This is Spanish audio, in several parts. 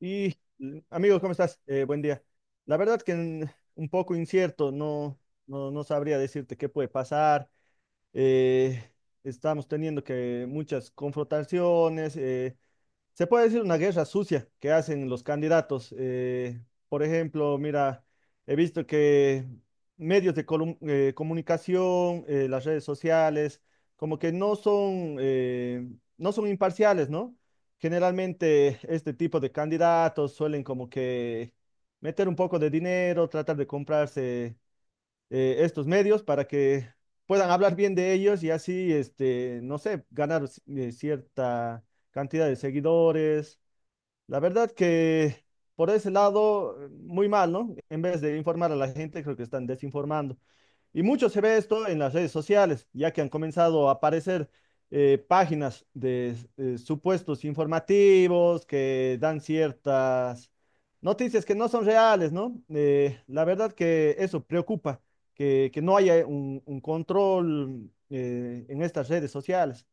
Y amigo, ¿cómo estás? Buen día. La verdad que un poco incierto, no, no sabría decirte qué puede pasar. Eh, estamos teniendo que muchas confrontaciones. Se puede decir una guerra sucia que hacen los candidatos. Por ejemplo, mira, he visto que medios de comunicación, las redes sociales, como que no son, no son imparciales, ¿no? Generalmente este tipo de candidatos suelen como que meter un poco de dinero, tratar de comprarse estos medios para que puedan hablar bien de ellos y así, este, no sé, ganar cierta cantidad de seguidores. La verdad que por ese lado, muy mal, ¿no? En vez de informar a la gente, creo que están desinformando. Y mucho se ve esto en las redes sociales, ya que han comenzado a aparecer páginas de supuestos informativos que dan ciertas noticias que no son reales, ¿no? La verdad que eso preocupa, que no haya un control en estas redes sociales.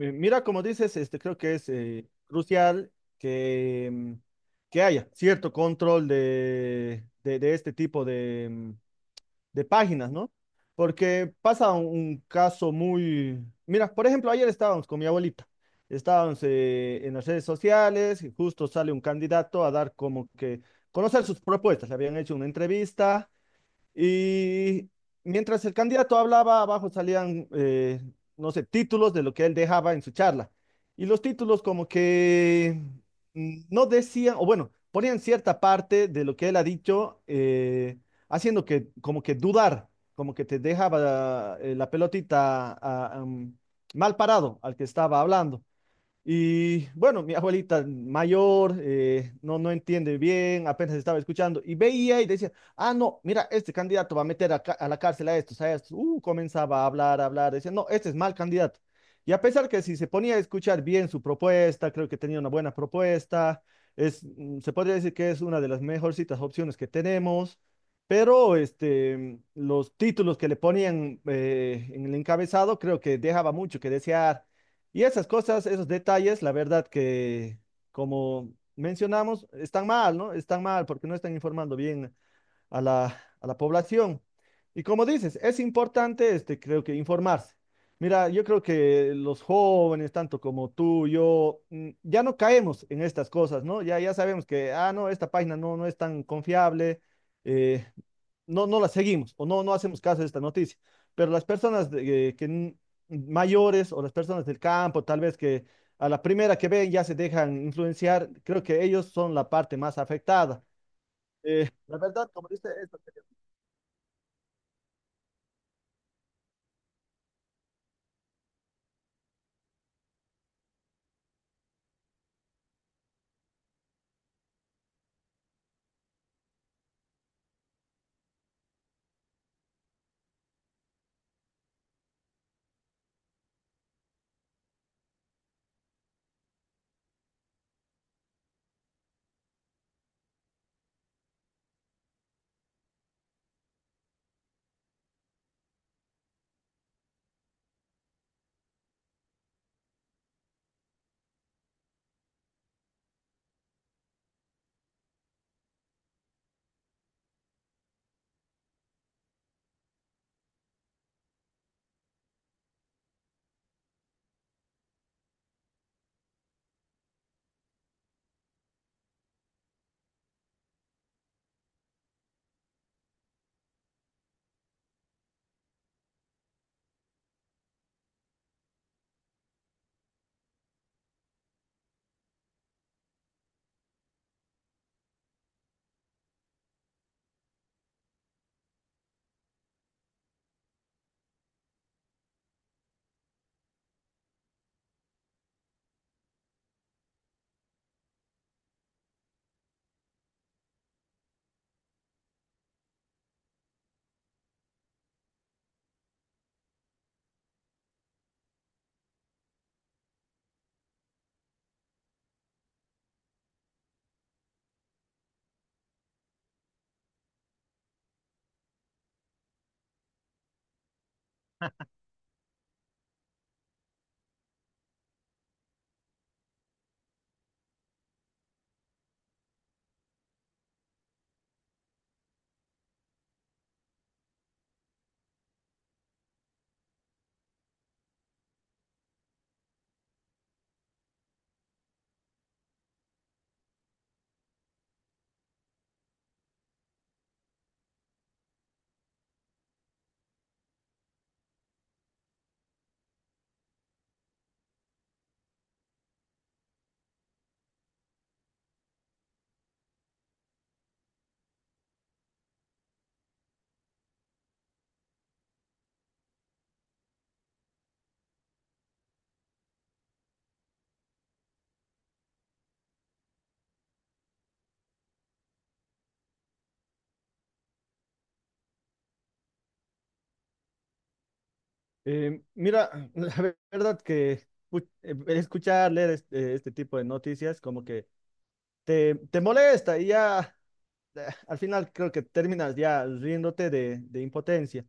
Mira, como dices, este, creo que es crucial que, que haya cierto control de este tipo de... de páginas, ¿no? Porque pasa un caso muy... Mira, por ejemplo, ayer estábamos con mi abuelita, estábamos en las redes sociales y justo sale un candidato a dar como que conocer sus propuestas, le habían hecho una entrevista y mientras el candidato hablaba, abajo salían, no sé, títulos de lo que él dejaba en su charla. Y los títulos como que no decían, o bueno, ponían cierta parte de lo que él ha dicho, haciendo que como que dudar, como que te dejaba la pelotita mal parado al que estaba hablando. Y bueno, mi abuelita mayor no, no entiende bien, apenas estaba escuchando y veía y decía, ah, no, mira, este candidato va a meter a la cárcel a estos, a estos. Comenzaba a hablar, decía, no, este es mal candidato. Y a pesar que si se ponía a escuchar bien su propuesta, creo que tenía una buena propuesta, es, se podría decir que es una de las mejorcitas opciones que tenemos, pero este, los títulos que le ponían en el encabezado creo que dejaba mucho que desear y esas cosas, esos detalles, la verdad que, como mencionamos, están mal, ¿no? Están mal porque no están informando bien a a la población. Y como dices, es importante, este, creo que informarse. Mira, yo creo que los jóvenes, tanto como tú, yo, ya no caemos en estas cosas, ¿no? Ya, ya sabemos que, ah, no, esta página no, no es tan confiable. eh, no, no la seguimos o no, no hacemos caso de esta noticia. Pero las personas mayores o las personas del campo, tal vez que a la primera que ven ya se dejan influenciar, creo que ellos son la parte más afectada. La verdad, como dice, esto, mira, la verdad que escuchar, leer este, este tipo de noticias como que te molesta y ya al final creo que terminas ya riéndote de impotencia.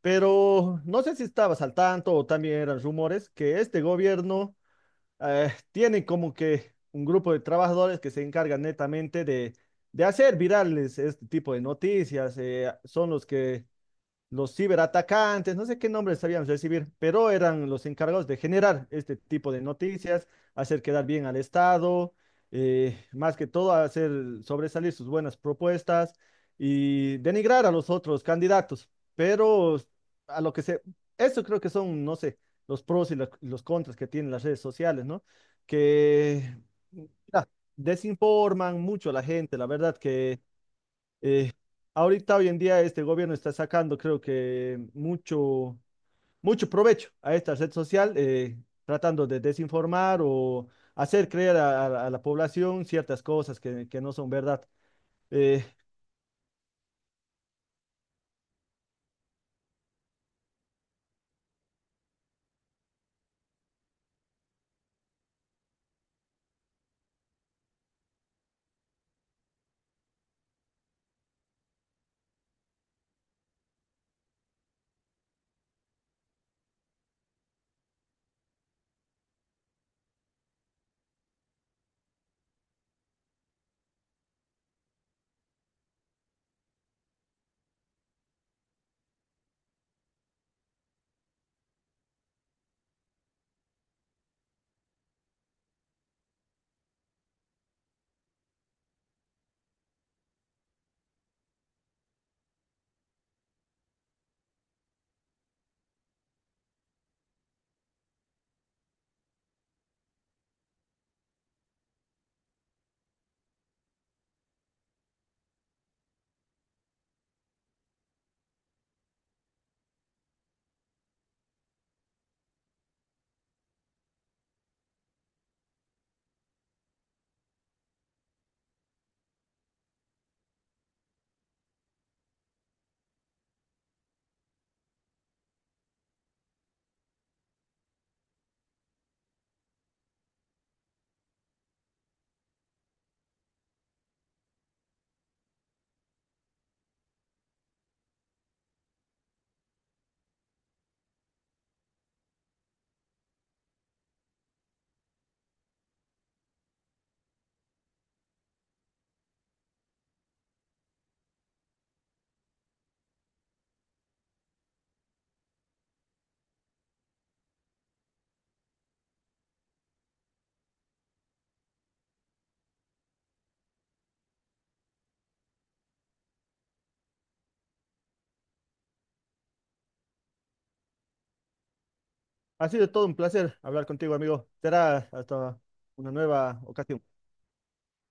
Pero no sé si estabas al tanto o también eran rumores que este gobierno tiene como que un grupo de trabajadores que se encargan netamente de hacer virales este tipo de noticias. Son los que los ciberatacantes, no sé qué nombres sabíamos recibir, pero eran los encargados de generar este tipo de noticias, hacer quedar bien al Estado, más que todo hacer sobresalir sus buenas propuestas y denigrar a los otros candidatos. Pero a lo que se, eso creo que son, no sé, los pros y los contras que tienen las redes sociales, ¿no? Que mira, desinforman mucho a la gente, la verdad que eh, ahorita, hoy en día, este gobierno está sacando, creo que, mucho, mucho provecho a esta red social, tratando de desinformar o hacer creer a la población ciertas cosas que no son verdad. Eh, Ha sido todo un placer hablar contigo, amigo. Será hasta una nueva ocasión.